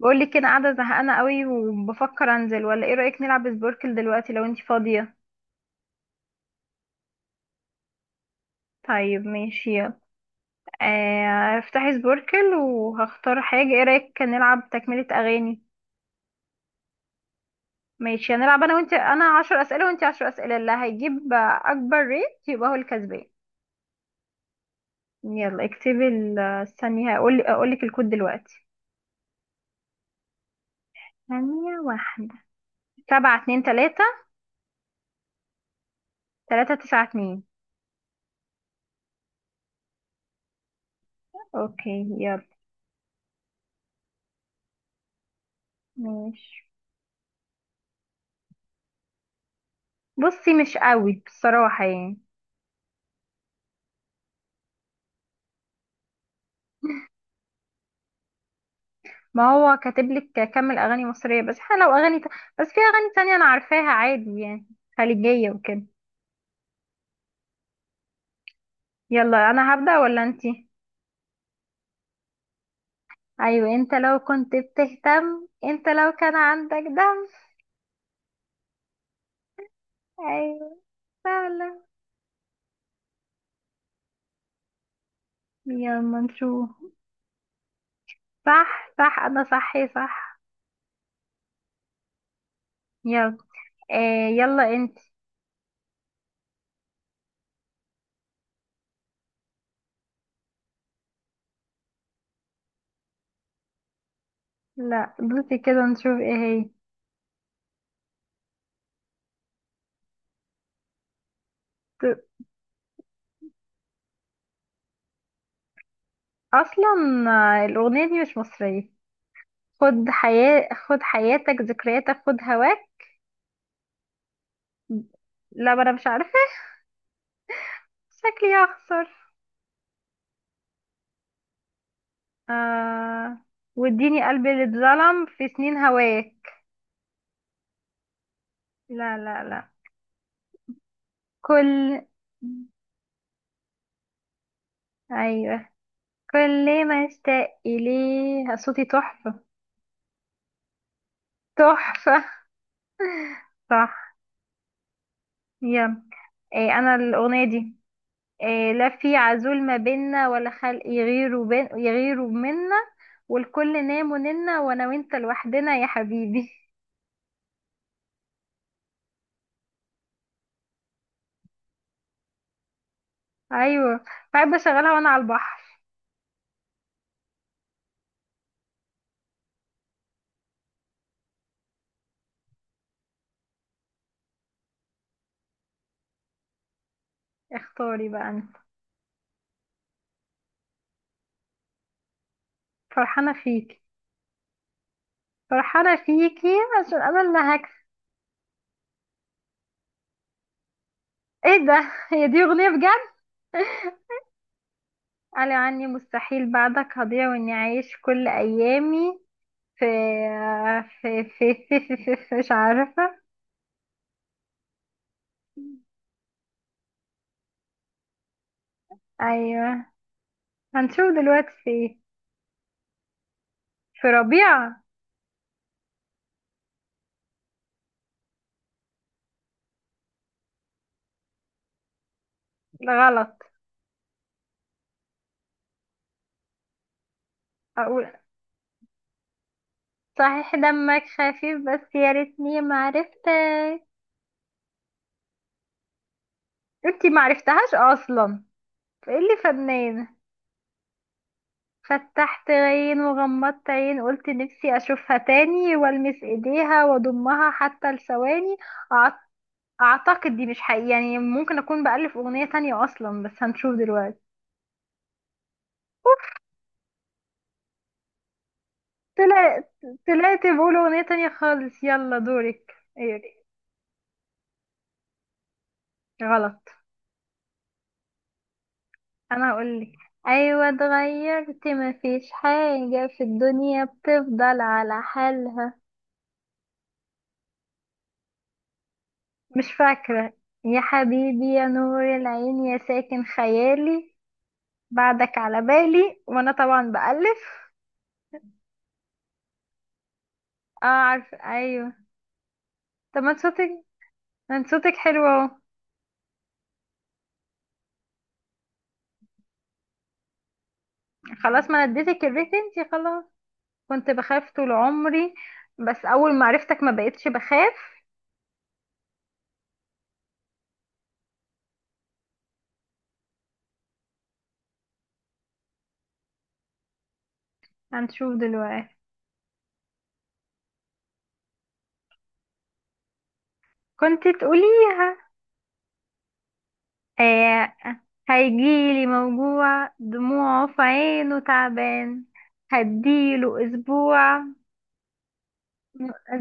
بقول لك كده قاعده زهقانه قوي وبفكر انزل ولا ايه رايك نلعب سبوركل دلوقتي لو انتي فاضيه. طيب ماشي يلا. آه، افتحي سبوركل وهختار حاجه، ايه رايك كان نلعب تكمله اغاني. ماشي، هنلعب انا وانتي، انا 10 اسئله وانتي 10 اسئله، اللي هيجيب اكبر ريت يبقى هو الكسبان. يلا اكتبي استني اقول لك الكود دلوقتي. ثانيه واحده. 7 2 3. 3 9 2. اوكي يلا. ماشي. بصي مش قوي بصراحه يعني. ما هو كاتب لك كمل اغاني مصريه بس، احنا لو بس في اغاني تانية انا عارفاها عادي يعني، خليجيه وكده. يلا انا هبدا ولا انتي؟ ايوه، انت لو كان عندك دم. ايوه، فعلا. يلا نشوف. صح صح، انا صحي صح. يلا. آه يلا انت. لا بصي كده نشوف ايه هي. ت- اصلا. آه، الاغنيه دي مش مصريه. خد حياتك ذكرياتك خد هواك. لا ما انا مش عارفه. شكلي هخسر. آه، واديني قلبي اللي اتظلم في سنين هواك. لا لا لا. كل، ايوه، كل ما اشتاق اليه صوتي تحفة. تحفة. صح. يلا. إيه انا الاغنية دي. إيه، لا في عزول ما بينا ولا خلق يغيروا منا، والكل نام وننا وانا وانت لوحدنا يا حبيبي. ايوه. بحب اشغلها وانا على البحر. اختاري بقى انت. فرحانة فيك. فرحانة فيكي. عشان أنا اللي هكسب. إيه ده، هي دي أغنية بجد؟ قال عني مستحيل بعدك هضيع وإني أعيش كل أيامي في، في مش عارفة. أيوة، هنشوف دلوقتي في إيه. في ربيع. لا، غلط. أقول: صحيح دمك خفيف بس يا ريتني معرفتك. انتي معرفتهاش أصلا. فإيه اللي فنان؟ فتحت عين وغمضت عين قلت نفسي أشوفها تاني والمس ايديها واضمها حتى لثواني. أعت- اعتقد دي مش حقيقي يعني، ممكن اكون بألف اغنية تانية اصلا بس هنشوف دلوقتي. طلعت. بقول اغنية تانية خالص. يلا دورك. إيه، غلط. انا هقولك، ايوه اتغيرت مفيش حاجة في الدنيا بتفضل على حالها. مش فاكرة. يا حبيبي يا نور العين يا ساكن خيالي، بعدك على بالي، وانا طبعا بألف. اه، عارف، ايوه. طب ما انت صوتك ما انت صوتك حلو اهو. خلاص، ما أنا اديتك الريت انتي خلاص. كنت بخاف طول عمري، بس اول ما عرفتك ما بقتش بخاف. هنشوف دلوقتي. كنت تقوليها. آه. هيجيلي موجوع دموعه في عينه تعبان، هديله اسبوع.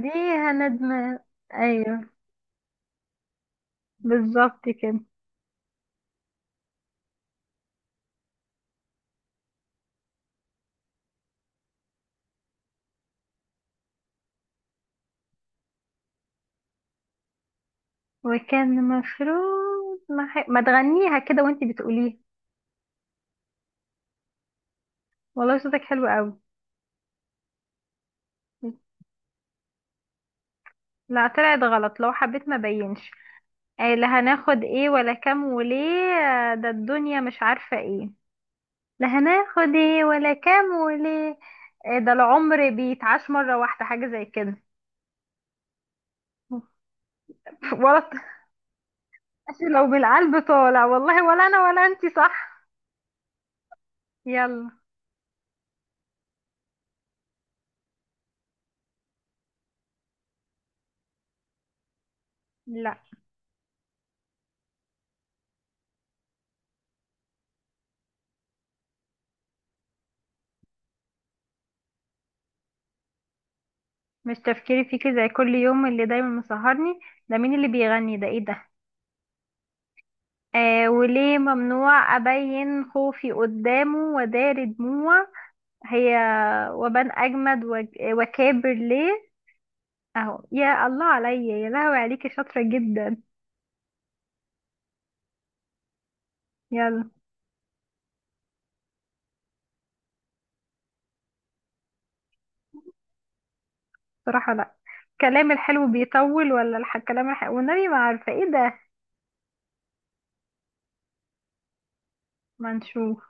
دي ندمان. ايوه، بالظبط كده. وكان المفروض ما, ح... ما تغنيها كده وانت بتقوليها، والله صوتك حلو قوي. لا طلعت غلط، لو حبيت ما بينش. آه، لا هناخد ايه ولا كام وليه. آه، ده الدنيا مش عارفة ايه. لا هناخد ايه ولا كام وليه. آه، ده العمر بيتعاش مرة واحدة حاجة زي كده. ولا. عشان لو بالقلب طالع، والله ولا انا ولا انتي. صح يلا. لا، مش تفكيري فيكي زي كل يوم اللي دايما مسهرني. ده مين اللي بيغني ده، ايه ده؟ آه، وليه ممنوع أبين خوفي قدامه ودار دموع. هي. وكابر ليه. أهو، يا الله عليا، يا لهوي عليكي شاطرة جدا. يلا. بصراحة لأ. الكلام الحلو الكلام الحلو، والنبي ما عارفة ايه ده. ما نشوف.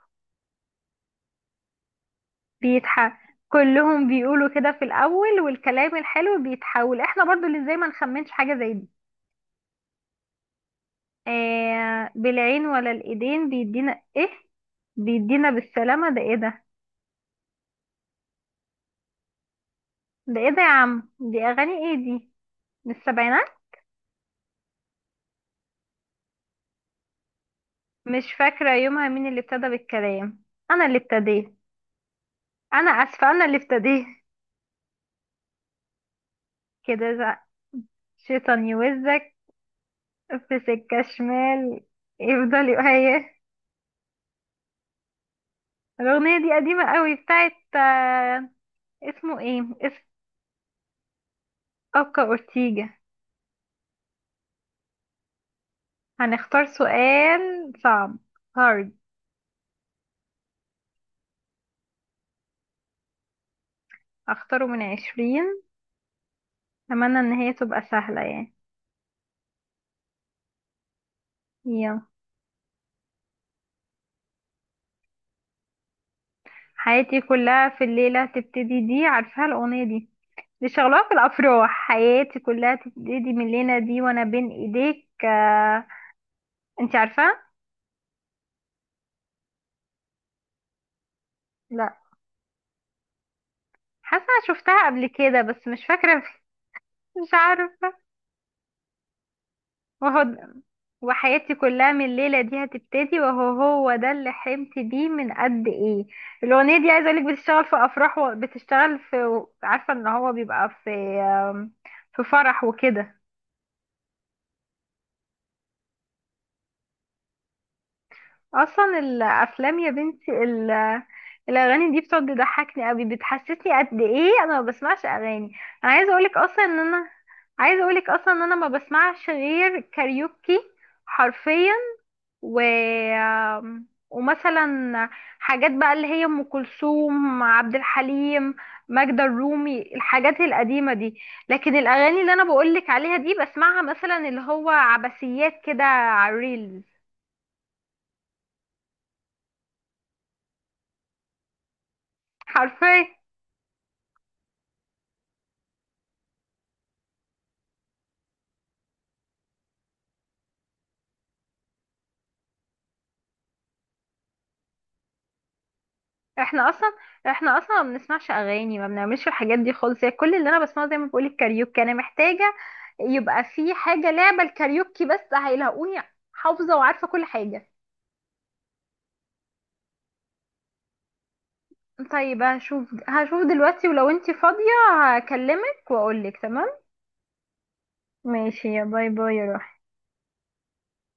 كلهم بيقولوا كده في الأول، والكلام الحلو بيتحول. احنا برضو اللي زي ما نخمنش حاجة زي دي. آه بالعين ولا الإيدين بيدينا ايه، بيدينا بالسلامة، ده ايه ده؟ ده ايه ده يا عم، دي اغاني ايه دي؟ من السبعينات. مش فاكرة يومها مين اللي ابتدى بالكلام. انا اللي ابتديت. انا اسفة انا اللي ابتديت. كده زق شيطان يوزك، في سكة شمال، يفضل يهيه. الاغنية دي قديمة قوي بتاعت آه، اسم اوكا اورتيجا. هنختار سؤال صعب. هارد. اختاره من 20. اتمنى ان هي تبقى سهلة يعني. يلا. حياتي كلها في الليلة تبتدي، دي عارفاها الاغنية دي، دي شغلها في الافراح. حياتي كلها تبتدي من لينا دي وانا بين ايديك، آه. انت عارفه؟ لا. حاسه شفتها قبل كده بس مش فاكره. مش عارفه. وهو. وحياتي كلها من الليله دي هتبتدي، وهو هو ده اللي حلمت بيه من قد ايه. الاغنيه دي عايزه اقولك بتشتغل في افراح، وبتشتغل في، عارفه ان هو بيبقى في، آم، في فرح وكده. اصلا الافلام يا بنتي الاغاني دي بتقعد تضحكني قوي، بتحسسني قد ايه انا ما بسمعش اغاني. انا عايزه اقولك اصلا ان انا عايزه اقولك اصلا ان انا ما بسمعش غير كاريوكي، حرفيا. و، ومثلا حاجات بقى اللي هي ام كلثوم، عبد الحليم، ماجدة الرومي، الحاجات القديمه دي. لكن الاغاني اللي انا بقولك عليها دي بسمعها مثلا اللي هو عباسيات كده على الريلز، حرفيا. احنا اصلا احنا اصلا ما بنسمعش اغاني، ما بنعملش الحاجات دي خالص، هي كل اللي انا بسمعه زي ما بقول الكاريوكي. انا محتاجه يبقى في حاجه لعبه الكاريوكي، بس هيلاقوني حافظه وعارفه كل حاجه. طيب هشوف دلوقتي ولو انتي فاضيه هكلمك واقولك تمام. ماشي، يا باي باي يا روحي.